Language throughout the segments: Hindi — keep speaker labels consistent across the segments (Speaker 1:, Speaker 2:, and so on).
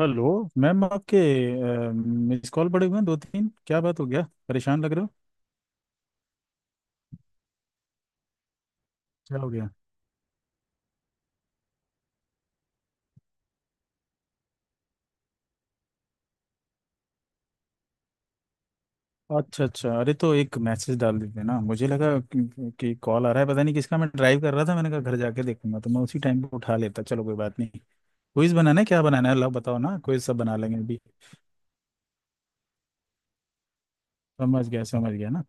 Speaker 1: हेलो। मैम आपके मिस कॉल पड़े हुए हैं दो तीन, क्या बात हो गया? परेशान लग रहे हो, क्या हो गया? अच्छा अच्छा, अरे तो एक मैसेज डाल देते ना। मुझे लगा कि कॉल आ रहा है, पता नहीं किसका। मैं ड्राइव कर रहा था, मैंने कहा घर जाके देखूंगा, तो मैं उसी टाइम पे उठा लेता। चलो कोई बात नहीं। क्विज बनाना है, क्या बनाना है अल्लाह? बताओ ना, क्विज सब बना लेंगे अभी। समझ गया ना।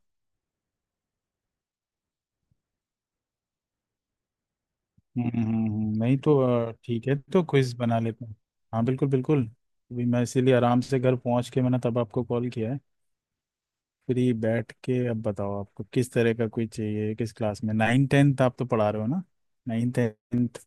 Speaker 1: हम्म, नहीं तो। ठीक है तो क्विज बना लेते हैं। हाँ बिल्कुल बिल्कुल। अभी मैं इसीलिए आराम से घर पहुंच के मैंने तब आपको कॉल किया है। फ्री बैठ के अब बताओ, आपको किस तरह का कोई चाहिए, किस क्लास में? नाइन टेंथ आप तो पढ़ा रहे हो ना? Nine tenth.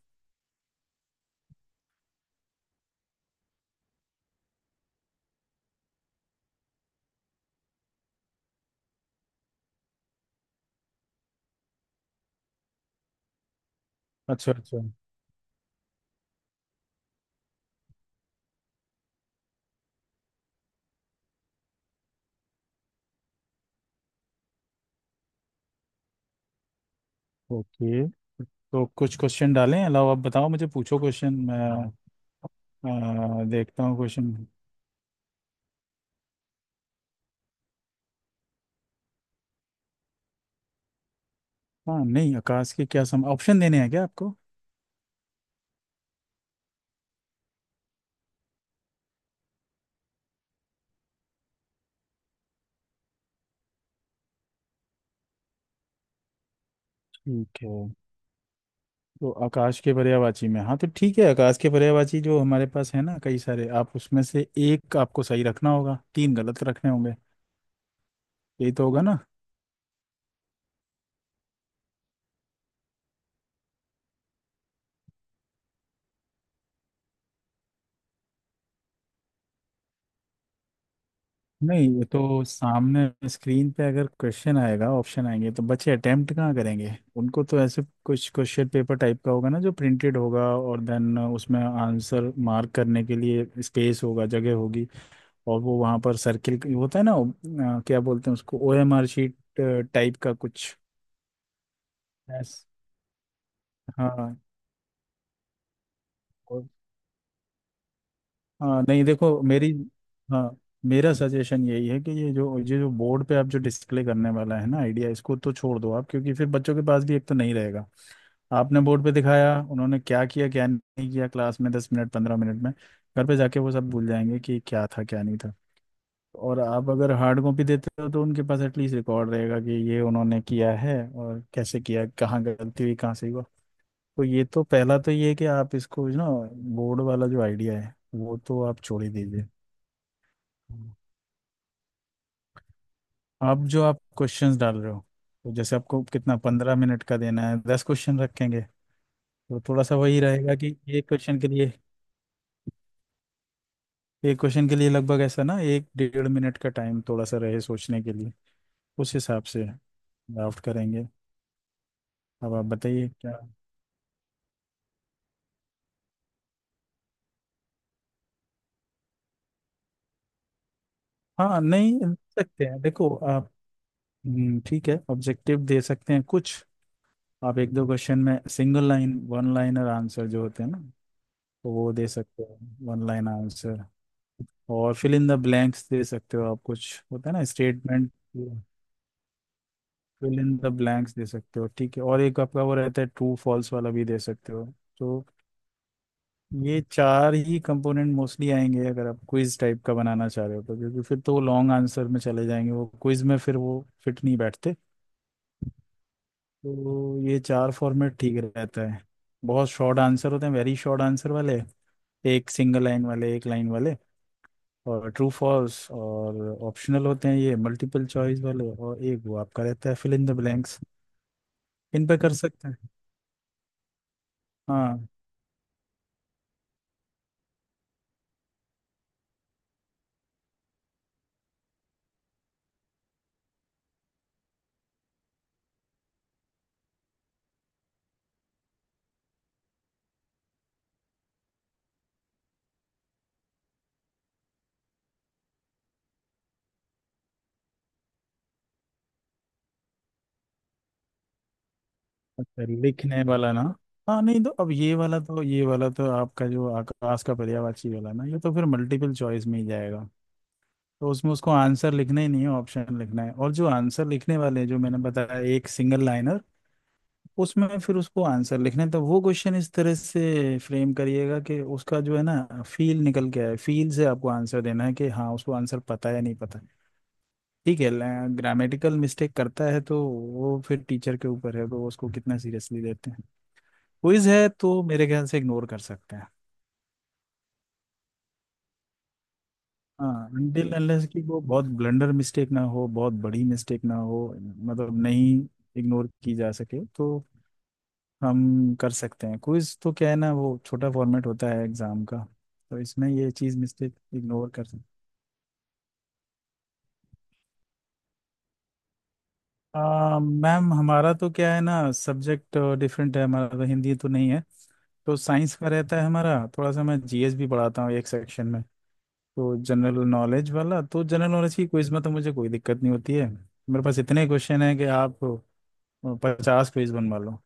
Speaker 1: अच्छा अच्छा। ओके, तो कुछ क्वेश्चन डालें अलावा, आप बताओ मुझे, पूछो क्वेश्चन मैं देखता हूँ क्वेश्चन। हाँ नहीं, आकाश के क्या सम, ऑप्शन देने हैं क्या आपको? ठीक है, तो आकाश के पर्यायवाची में, हाँ तो ठीक है, आकाश के पर्यायवाची जो हमारे पास है ना कई सारे, आप उसमें से एक आपको सही रखना होगा, तीन गलत रखने होंगे। यही तो होगा ना। नहीं, ये तो सामने स्क्रीन पे अगर क्वेश्चन आएगा ऑप्शन आएंगे, तो बच्चे अटेम्प्ट कहाँ करेंगे? उनको तो ऐसे कुछ क्वेश्चन पेपर टाइप का होगा ना, जो प्रिंटेड होगा, और देन उसमें आंसर मार्क करने के लिए स्पेस होगा, जगह होगी। और वो वहाँ पर सर्किल होता है ना, क्या बोलते हैं उसको, ओएमआर शीट टाइप का कुछ। Yes। हाँ। हाँ नहीं देखो, मेरी, हाँ, मेरा सजेशन यही है कि ये जो बोर्ड पे आप जो डिस्प्ले करने वाला है ना आइडिया, इसको तो छोड़ दो आप, क्योंकि फिर बच्चों के पास भी एक तो नहीं रहेगा। आपने बोर्ड पे दिखाया, उन्होंने क्या किया क्या नहीं किया क्लास में, 10 मिनट 15 मिनट में। घर पे जाके वो सब भूल जाएंगे कि क्या था क्या नहीं था। और आप अगर हार्ड कॉपी देते हो, तो उनके पास एटलीस्ट रिकॉर्ड रहेगा कि ये उन्होंने किया है, और कैसे किया, कहाँ गलती हुई कहाँ सही हुआ। तो ये तो पहला तो ये है कि आप इसको ना, बोर्ड वाला जो आइडिया है वो तो आप छोड़ ही दीजिए। आप जो आप क्वेश्चंस डाल रहे हो, तो जैसे आपको कितना, 15 मिनट का देना है, दस क्वेश्चन रखेंगे। तो थोड़ा सा वही रहेगा कि एक क्वेश्चन के लिए, एक क्वेश्चन के लिए लगभग ऐसा ना, एक डेढ़ मिनट का टाइम थोड़ा सा रहे सोचने के लिए, उस हिसाब से ड्राफ्ट करेंगे। अब आप बताइए क्या। हाँ नहीं दे सकते हैं, देखो आप, ठीक है ऑब्जेक्टिव दे सकते हैं कुछ। आप एक दो क्वेश्चन में single line, one liner answer जो होते हैं ना, तो वो दे सकते हैं, वन लाइन आंसर। और फिल इन द ब्लैंक्स दे सकते हो आप, कुछ होता है ना statement, fill in the blanks दे सकते हो, ठीक है। और एक आपका वो रहता है ट्रू फॉल्स वाला भी दे सकते हो। तो ये चार ही कंपोनेंट मोस्टली आएंगे अगर आप क्विज टाइप का बनाना चाह रहे हो तो, क्योंकि फिर तो लॉन्ग आंसर में चले जाएंगे वो, क्विज में फिर वो फिट नहीं बैठते। तो ये चार फॉर्मेट ठीक रहता है। बहुत शॉर्ट आंसर होते हैं, वेरी शॉर्ट आंसर वाले, एक सिंगल लाइन वाले, एक लाइन वाले, और ट्रू फॉल्स, और ऑप्शनल होते हैं ये मल्टीपल चॉइस वाले, और एक वो आपका रहता है फिल इन द ब्लैंक्स। इन पे कर सकते हैं हाँ। अच्छा लिखने वाला ना, हाँ नहीं तो अब ये वाला तो, ये वाला तो आपका जो आकाश का पर्यायवाची वाला ना, ये तो फिर मल्टीपल चॉइस में ही जाएगा। तो उसमें उसको आंसर लिखना ही नहीं है, ऑप्शन लिखना है। और जो आंसर लिखने वाले हैं, जो मैंने बताया, एक सिंगल लाइनर, उसमें फिर उसको आंसर लिखने, तो वो क्वेश्चन इस तरह से फ्रेम करिएगा कि उसका जो है ना फील निकल के आए, फील से आपको आंसर देना है कि हाँ उसको आंसर पता है या नहीं पता। ठीक है। ग्रामेटिकल मिस्टेक करता है, तो वो फिर टीचर के ऊपर है, वो उसको कितना सीरियसली लेते हैं। क्विज है तो मेरे ख्याल से इग्नोर कर सकते हैं। हाँ, अनटिल अनलेस कि वो बहुत ब्लंडर मिस्टेक ना हो, बहुत बड़ी मिस्टेक ना हो, मतलब नहीं इग्नोर की जा सके तो। हम कर सकते हैं। क्विज तो क्या है ना, वो छोटा फॉर्मेट होता है एग्जाम का, तो इसमें ये चीज़, मिस्टेक इग्नोर कर सकते हैं। मैम हमारा तो क्या है ना, सब्जेक्ट डिफरेंट है हमारा तो, हिंदी तो नहीं है, तो साइंस का रहता है हमारा, थोड़ा सा मैं जीएस भी पढ़ाता हूँ एक सेक्शन में। तो जनरल नॉलेज वाला, तो जनरल नॉलेज की क्विज में तो मुझे कोई दिक्कत नहीं होती है, मेरे पास इतने क्वेश्चन हैं कि आप 50 क्विज बनवा लो,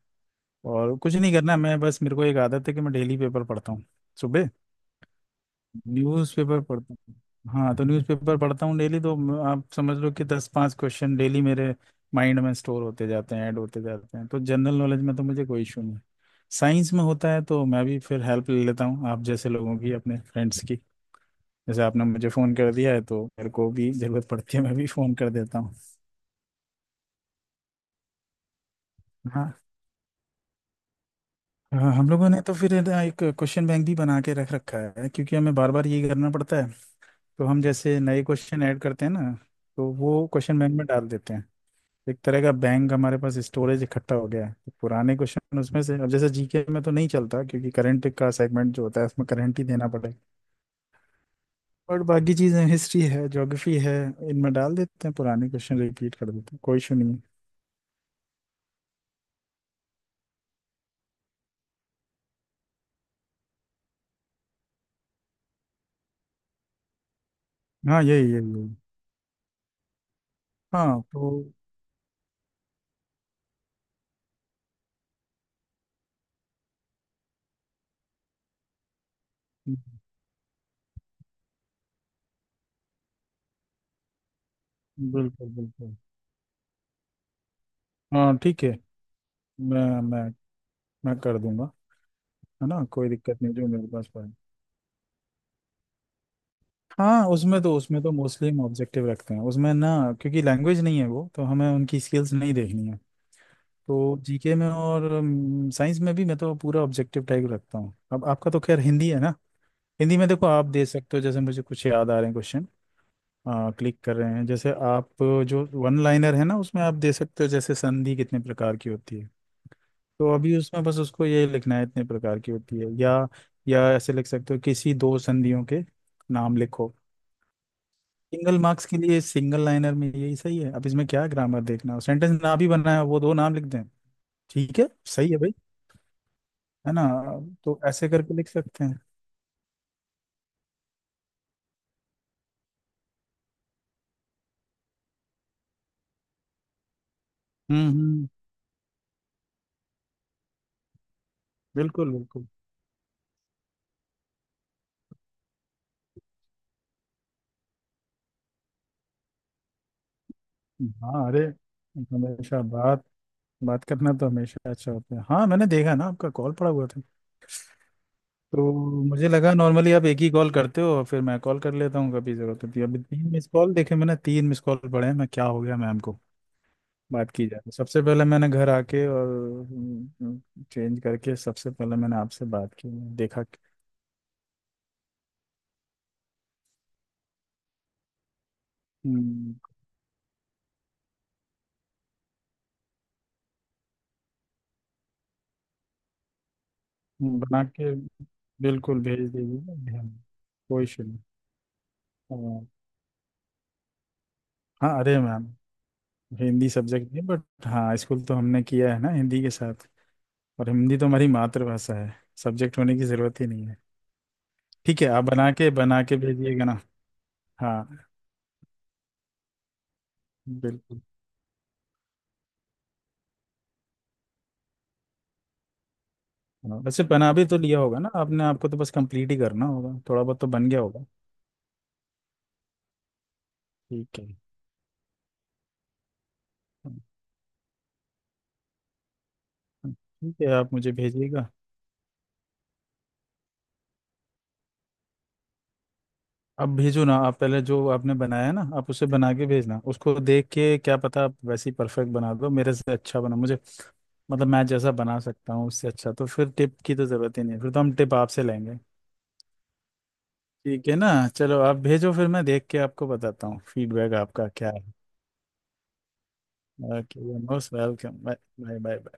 Speaker 1: और कुछ नहीं करना। मैं बस, मेरे को एक आदत है कि मैं डेली पेपर पढ़ता हूँ सुबह, न्यूज़पेपर पढ़ता हूँ। हाँ, तो न्यूज़पेपर पढ़ता हूँ डेली, तो आप समझ लो कि दस पांच क्वेश्चन डेली मेरे माइंड में स्टोर होते जाते हैं, ऐड होते जाते हैं। तो जनरल नॉलेज में तो मुझे कोई इशू नहीं। साइंस में होता है, तो मैं भी फिर हेल्प ले लेता हूँ आप जैसे लोगों की, अपने फ्रेंड्स की। जैसे आपने मुझे फ़ोन कर दिया है, तो मेरे को भी ज़रूरत पड़ती है मैं भी फ़ोन कर देता हूँ। हाँ, हाँ, हम लोगों ने तो फिर है ना एक क्वेश्चन बैंक भी बना के रख रखा है, क्योंकि हमें बार बार ये करना पड़ता है। तो हम जैसे नए क्वेश्चन ऐड करते हैं ना, तो वो क्वेश्चन बैंक में डाल देते हैं। एक तरह का बैंक हमारे पास स्टोरेज इकट्ठा हो गया है, तो पुराने क्वेश्चन उसमें से, अब जैसे जीके में तो नहीं चलता क्योंकि करंट का सेगमेंट जो होता है, उसमें करंट ही देना पड़ेगा। और बाकी चीजें हिस्ट्री है ज्योग्राफी है, इनमें डाल देते हैं पुराने क्वेश्चन, रिपीट कर देते हैं, कोई इशू नहीं है। हाँ यही यही यही। हाँ तो। बिल्कुल बिल्कुल। हाँ ठीक है। मैं मैं मैं कर दूंगा। है ना, कोई दिक्कत नहीं, जो मेरे पास पड़े। हाँ उसमें तो, उसमें तो मोस्टली हम ऑब्जेक्टिव रखते हैं उसमें ना, क्योंकि लैंग्वेज नहीं है वो, तो हमें उनकी स्किल्स नहीं देखनी है। तो जीके में और साइंस में भी मैं तो पूरा ऑब्जेक्टिव टाइप रखता हूँ। अब आपका तो खैर हिंदी है ना, हिंदी में देखो आप दे सकते हो, जैसे मुझे कुछ याद आ रहे हैं क्वेश्चन क्लिक कर रहे हैं। जैसे आप जो वन लाइनर है ना, उसमें आप दे सकते हो, जैसे संधि कितने प्रकार की होती है। तो अभी उसमें बस उसको ये लिखना है, इतने प्रकार की होती है, या ऐसे लिख सकते हो, किसी दो संधियों के नाम लिखो। सिंगल मार्क्स के लिए सिंगल लाइनर में यही सही है। अब इसमें क्या ग्रामर देखना, हो सेंटेंस ना भी बनाया हो, वो दो नाम लिख दें। ठीक है, सही है भाई, है ना? तो ऐसे करके लिख सकते हैं। हम्म। बिल्कुल बिल्कुल। हाँ अरे, हमेशा बात बात करना तो हमेशा अच्छा होता है। हाँ मैंने देखा ना, आपका कॉल पड़ा हुआ था, तो मुझे लगा नॉर्मली आप एक ही कॉल करते हो, फिर मैं कॉल कर लेता हूँ कभी जरूरत होती है। अभी तीन मिस कॉल देखे मैंने, तीन मिस कॉल पड़े हैं, मैं, क्या हो गया मैम को, बात की जाए। सबसे पहले मैंने घर आके और, चेंज करके सबसे पहले मैंने आपसे बात की। देखा कि- हम्म, बना के बिल्कुल भेज दीजिए, ध्यान। कोई इशू नहीं। हाँ। हाँ अरे मैम, हिंदी सब्जेक्ट नहीं, बट हाँ स्कूल तो हमने किया है ना हिंदी के साथ, और हिंदी तो हमारी मातृभाषा है, सब्जेक्ट होने की जरूरत ही नहीं है। ठीक है आप बना के भेजिएगा ना। हाँ बिल्कुल। हाँ, वैसे बना भी तो लिया होगा ना आपने, आपको तो बस कंप्लीट ही करना होगा, थोड़ा बहुत तो बन गया होगा। ठीक है। हाँ। हाँ ठीक है, आप मुझे भेजिएगा। आप भेजो ना, आप पहले जो आपने बनाया है ना, आप उसे बना के भेजना, उसको देख के, क्या पता आप वैसे ही परफेक्ट बना दो, मेरे से अच्छा बना, मुझे मतलब मैं जैसा बना सकता हूँ उससे अच्छा, तो फिर टिप की तो ज़रूरत ही नहीं है, फिर तो हम टिप आपसे लेंगे। ठीक है ना, चलो आप भेजो, फिर मैं देख के आपको बताता हूँ फीडबैक आपका क्या है। Okay, most welcome, bye bye bye.